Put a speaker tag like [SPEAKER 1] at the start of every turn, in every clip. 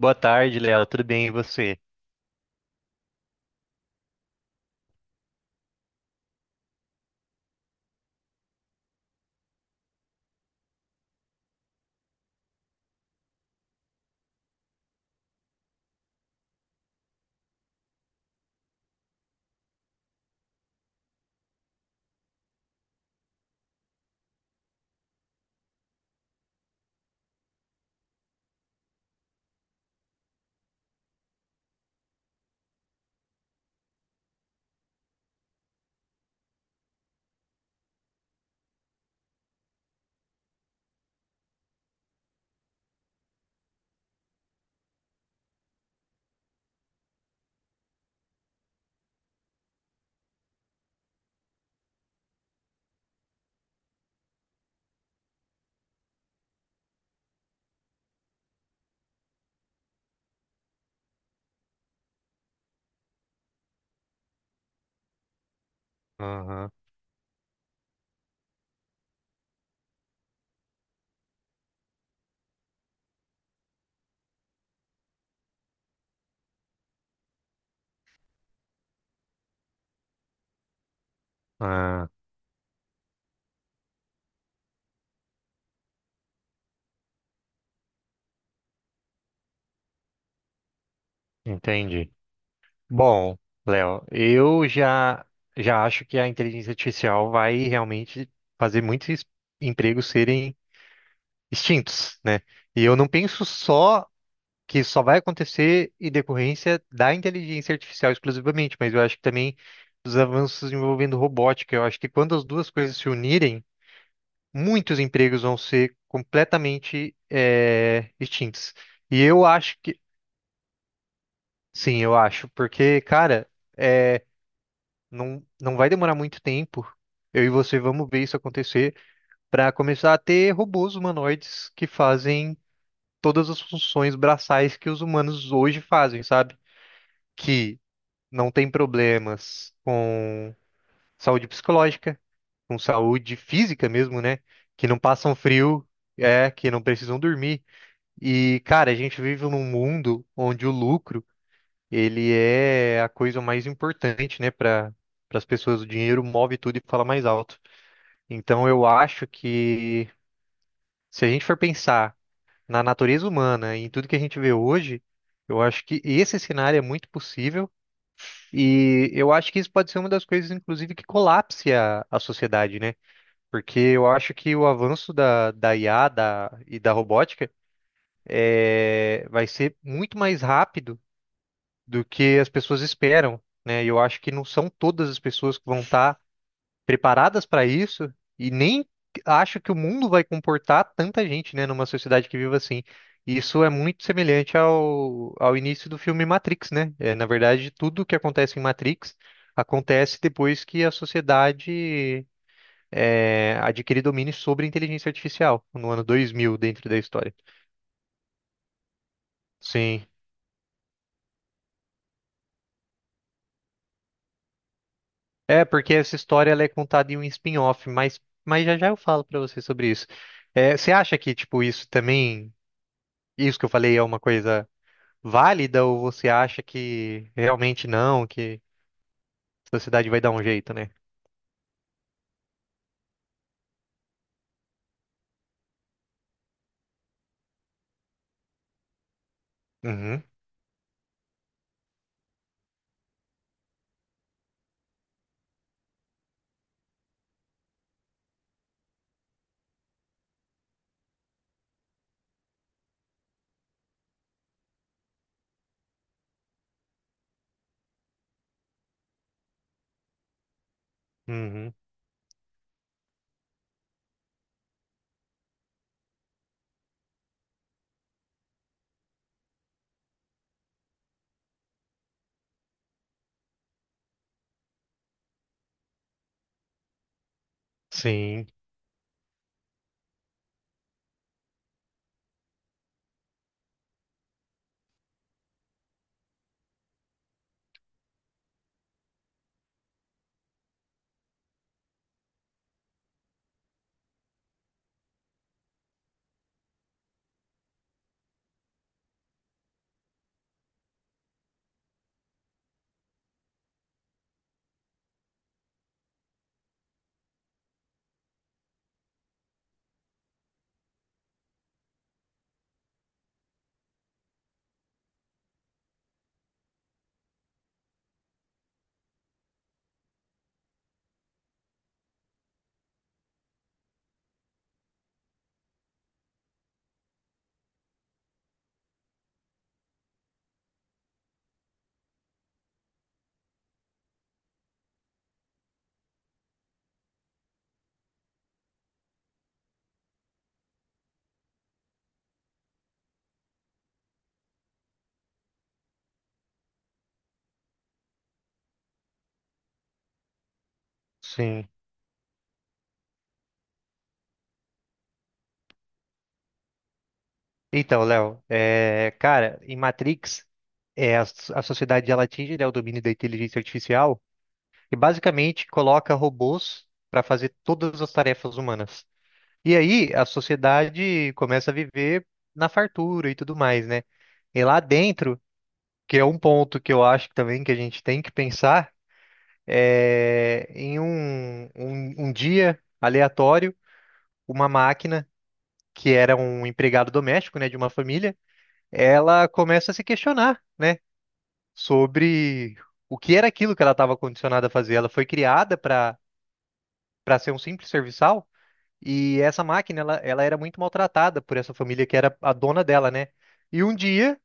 [SPEAKER 1] Boa tarde, Léo. Tudo bem e você? Aham. Ah, entendi. Bom, Léo, eu já acho que a inteligência artificial vai realmente fazer muitos empregos serem extintos, né? E eu não penso só que isso só vai acontecer em decorrência da inteligência artificial exclusivamente, mas eu acho que também dos avanços envolvendo robótica. Eu acho que quando as duas coisas se unirem, muitos empregos vão ser completamente extintos. E eu acho que sim, eu acho, porque, cara, é, não, não vai demorar muito tempo. Eu e você vamos ver isso acontecer para começar a ter robôs humanoides que fazem todas as funções braçais que os humanos hoje fazem, sabe? Que não tem problemas com saúde psicológica, com saúde física mesmo, né? Que não passam frio, que não precisam dormir. E, cara, a gente vive num mundo onde o lucro ele é a coisa mais importante, né, para as pessoas. O dinheiro move tudo e fala mais alto. Então eu acho que se a gente for pensar na natureza humana e em tudo que a gente vê hoje, eu acho que esse cenário é muito possível e eu acho que isso pode ser uma das coisas, inclusive, que colapse a sociedade, né? Porque eu acho que o avanço da IA e da robótica vai ser muito mais rápido do que as pessoas esperam, né? E eu acho que não são todas as pessoas que vão estar preparadas para isso e nem acho que o mundo vai comportar tanta gente, né, numa sociedade que vive assim. E isso é muito semelhante ao início do filme Matrix, né? É, na verdade, tudo o que acontece em Matrix acontece depois que a sociedade adquire domínio sobre a inteligência artificial, no ano 2000, dentro da história. Sim. É, porque essa história ela é contada em um spin-off, mas já eu falo pra você sobre isso. É, você acha que, tipo, isso também, isso que eu falei é uma coisa válida ou você acha que realmente não, que a sociedade vai dar um jeito, né? Uhum, uhum, sim, sim. Então, Léo, cara, em Matrix, é, a, a sociedade ela atinge, né, o domínio da inteligência artificial e basicamente coloca robôs pra fazer todas as tarefas humanas. E aí a sociedade começa a viver na fartura e tudo mais, né? E lá dentro, que é um ponto que eu acho também que a gente tem que pensar, é em um dia aleatório, uma máquina que era um empregado doméstico, né, de uma família, ela começa a se questionar, né, sobre o que era aquilo que ela estava condicionada a fazer. Ela foi criada para ser um simples serviçal. E essa máquina, ela era muito maltratada por essa família que era a dona dela, né? E um dia,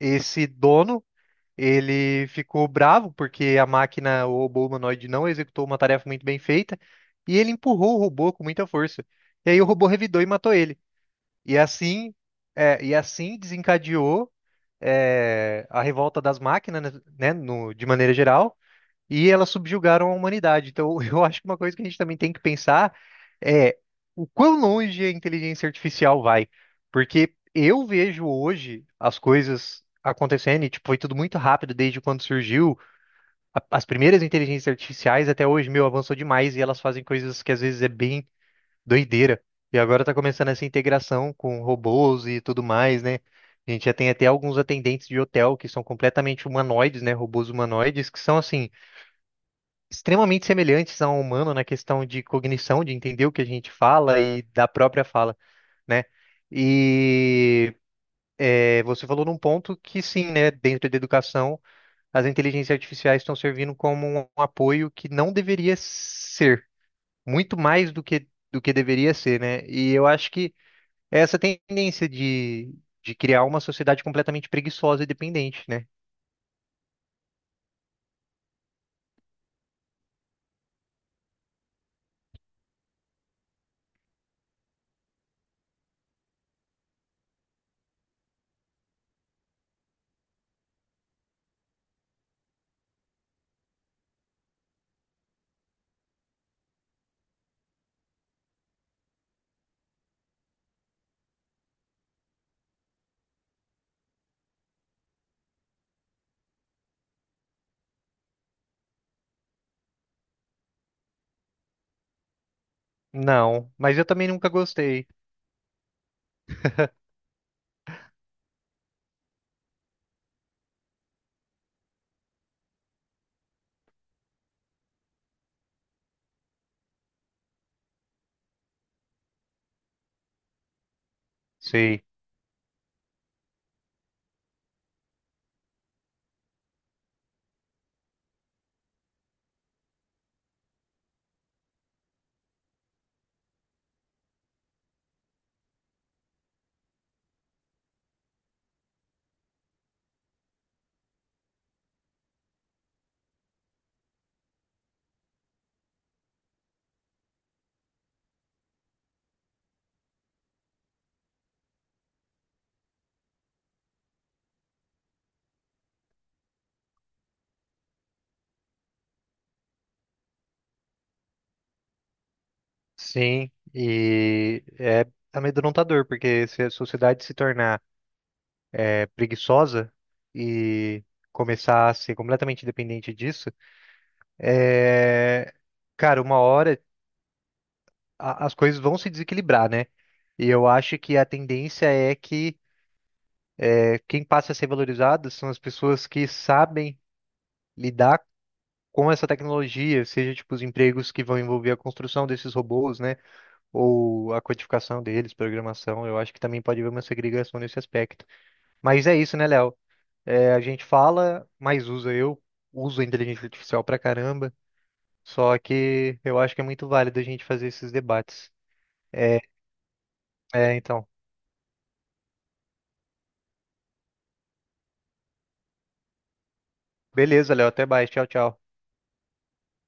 [SPEAKER 1] esse dono, ele ficou bravo porque a máquina, o robô humanoide, não executou uma tarefa muito bem feita e ele empurrou o robô com muita força. E aí o robô revidou e matou ele. E assim, e assim desencadeou, a revolta das máquinas, né, de maneira geral e elas subjugaram a humanidade. Então, eu acho que uma coisa que a gente também tem que pensar é o quão longe a inteligência artificial vai. Porque eu vejo hoje as coisas acontecendo e, tipo, foi tudo muito rápido desde quando surgiu as primeiras inteligências artificiais até hoje, meu, avançou demais e elas fazem coisas que às vezes é bem doideira. E agora tá começando essa integração com robôs e tudo mais, né? A gente já tem até alguns atendentes de hotel que são completamente humanoides, né? Robôs humanoides, que são assim extremamente semelhantes a um humano na questão de cognição, de entender o que a gente fala e da própria fala, né? E você falou num ponto que sim, né? Dentro da educação, as inteligências artificiais estão servindo como um apoio que não deveria ser, muito mais do que deveria ser, né? E eu acho que é essa tendência de criar uma sociedade completamente preguiçosa e dependente, né? Não, mas eu também nunca gostei. Sei. Sim, e é amedrontador, porque se a sociedade se tornar preguiçosa e começar a ser completamente dependente disso, é, cara, uma hora as coisas vão se desequilibrar, né? E eu acho que a tendência é que quem passa a ser valorizado são as pessoas que sabem lidar com essa tecnologia, seja tipo os empregos que vão envolver a construção desses robôs, né? Ou a codificação deles, programação, eu acho que também pode haver uma segregação nesse aspecto. Mas é isso, né, Léo? É, a gente fala, mas usa. Eu uso a inteligência artificial pra caramba, só que eu acho que é muito válido a gente fazer esses debates. É, é, então. Beleza, Léo, até mais. Tchau, tchau.